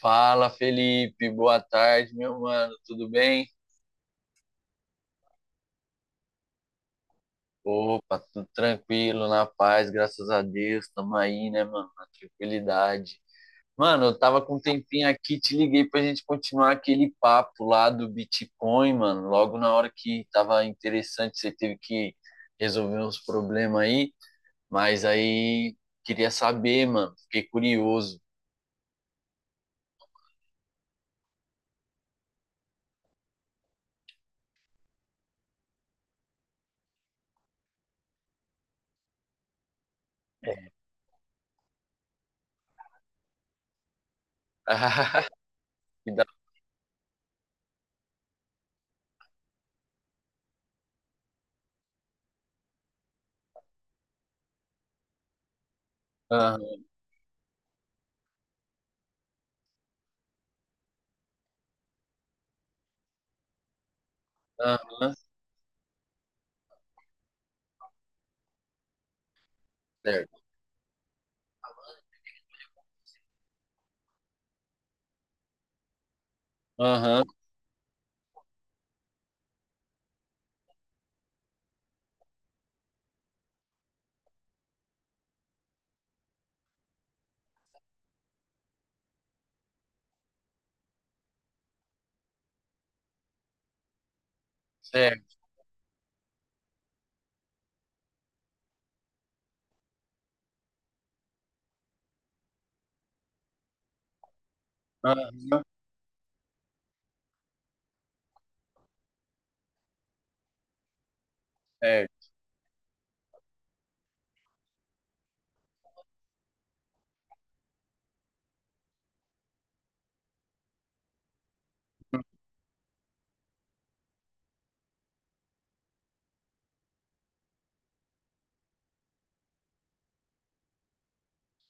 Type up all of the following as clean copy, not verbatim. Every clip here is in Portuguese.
Fala, Felipe. Boa tarde, meu mano. Tudo bem? Opa, tudo tranquilo, na paz, graças a Deus. Tamo aí, né, mano? Na tranquilidade. Mano, eu tava com um tempinho aqui, te liguei pra gente continuar aquele papo lá do Bitcoin, mano. Logo na hora que tava interessante, você teve que resolver uns problemas aí, mas aí queria saber, mano. Fiquei curioso. Me dá- Aham, aham, certo. Aham, certo. Aham, certo.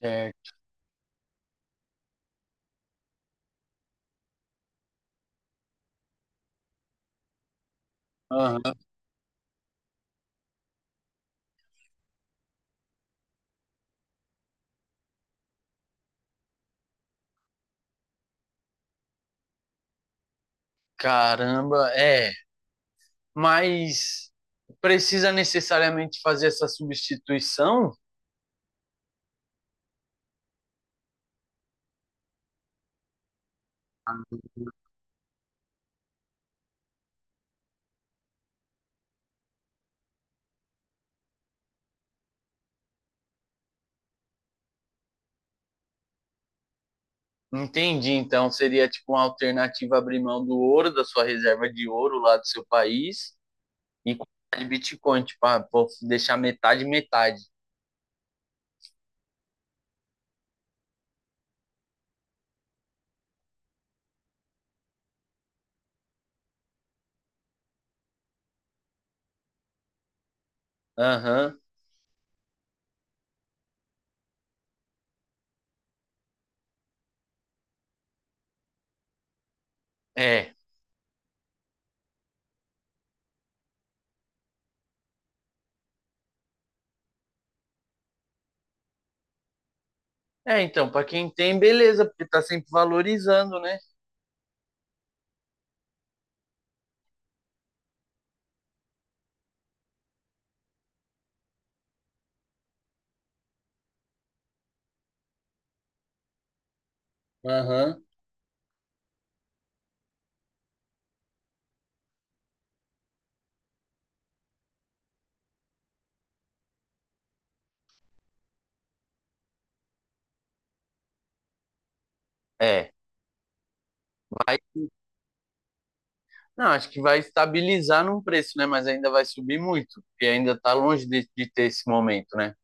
É, aham, caramba, é. Mas precisa necessariamente fazer essa substituição? Entendi. Então seria tipo uma alternativa abrir mão do ouro, da sua reserva de ouro lá do seu país e comprar de Bitcoin, tipo, ah, vou deixar metade, metade. Aham, é. É, então, para quem tem, beleza, porque tá sempre valorizando, né? Aham. É. Não, acho que vai estabilizar num preço, né? Mas ainda vai subir muito, porque ainda está longe de ter esse momento, né?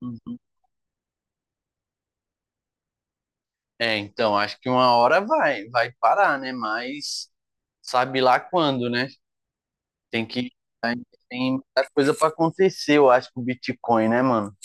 Uhum. É, então, acho que uma hora vai parar, né? Mas sabe lá quando, né? Tem que. Ainda Tem muita coisa para acontecer, eu acho, com o Bitcoin, né, mano?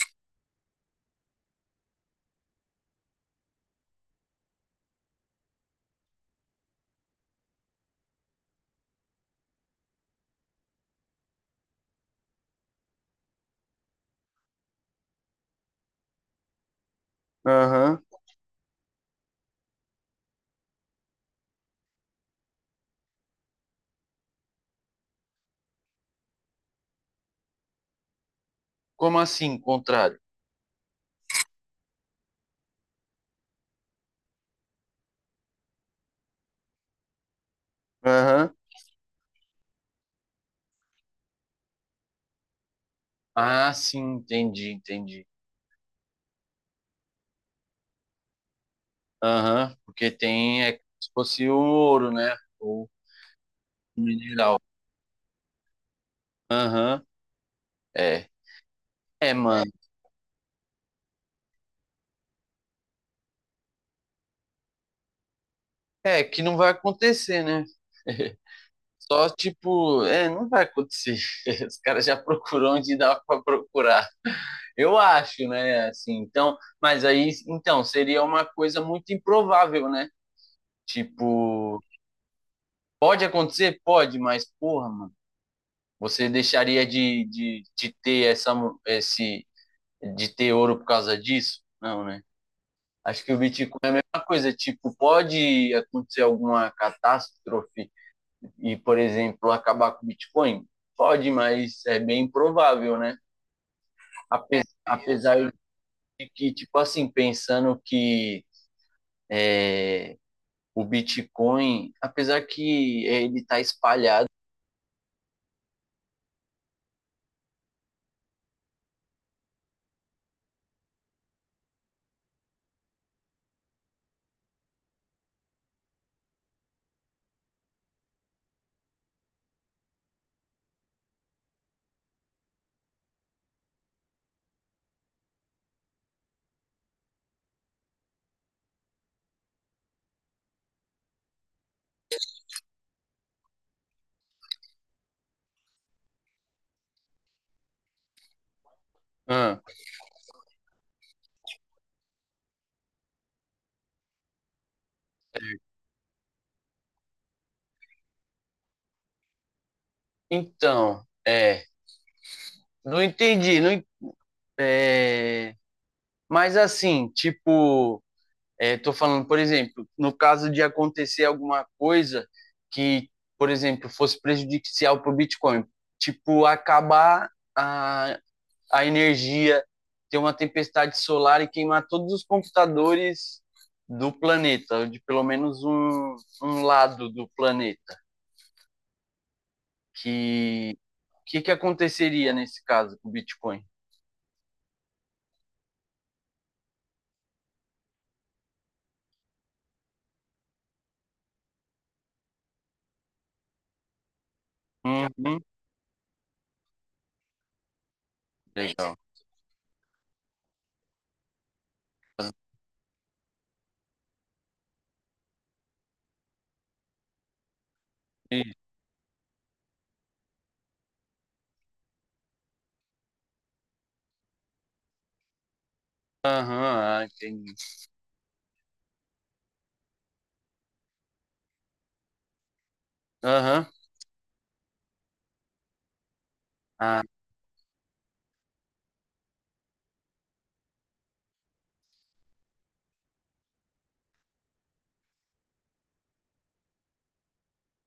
Aham. Como assim, contrário? Aham. Ah, sim, entendi, entendi. Aham. Porque tem. É como se fosse o ouro, né? Ou o mineral. Aham. É. É, mano. É, que não vai acontecer, né? Só tipo, é, não vai acontecer. Os caras já procuram onde dá para procurar. Eu acho, né? Assim, então, mas aí, então, seria uma coisa muito improvável, né? Tipo, pode acontecer? Pode, mas porra, mano, você deixaria de ter esse, de ter ouro por causa disso? Não, né? Acho que o Bitcoin é a mesma coisa. Tipo, pode acontecer alguma catástrofe e, por exemplo, acabar com o Bitcoin? Pode, mas é bem improvável, né? Apesar de que, tipo assim, pensando que o Bitcoin, apesar que ele tá espalhado. Ah, então, é, não entendi, não, é, mas assim, tipo, é, tô falando, por exemplo, no caso de acontecer alguma coisa que, por exemplo, fosse prejudicial para o Bitcoin, tipo, acabar a, a energia, ter uma tempestade solar e queimar todos os computadores do planeta, de pelo menos um lado do planeta. Que que que aconteceria nesse caso com o Bitcoin? Uhum, legal. Aham, uhum, entendi. Aham, ah,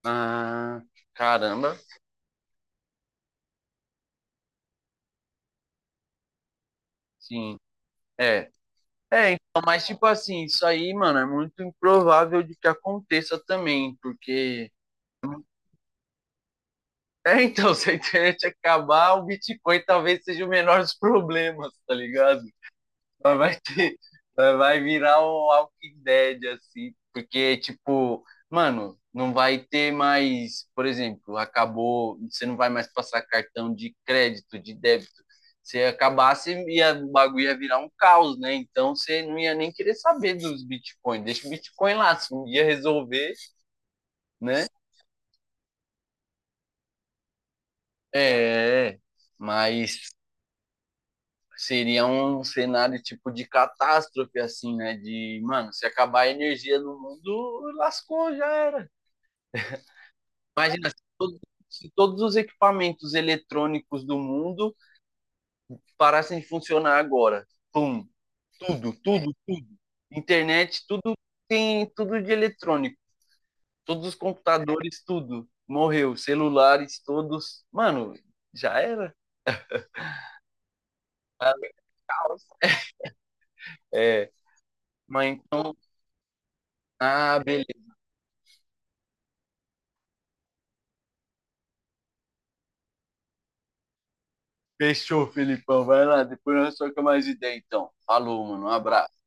ah, caramba, sim, é. É, então, mas tipo assim, isso aí, mano, é muito improvável de que aconteça também, porque é É, então, se a internet acabar, o Bitcoin talvez seja o menor dos problemas, tá ligado? Mas vai ter, mas vai virar o Walking Dead, assim, porque, tipo, mano, não vai ter mais, por exemplo, acabou, você não vai mais passar cartão de crédito, de débito. Se acabasse, ia, o bagulho ia virar um caos, né? Então você não ia nem querer saber dos Bitcoin. Deixa o Bitcoin lá, se um dia resolver, né? É, é, é. Mas seria um cenário tipo de catástrofe, assim, né? De, mano, se acabar a energia no mundo, lascou, já era. Imagina se se todos os equipamentos eletrônicos do mundo parassem de funcionar agora. Pum, tudo, tudo, tudo. Internet, tudo tem tudo de eletrônico. Todos os computadores, tudo. Morreu. Celulares, todos. Mano, já era. Tá legal. É. Mas então. Ah, beleza. Fechou, Felipão. Vai lá, depois nós trocamos mais ideia, então. Falou, mano. Um abraço.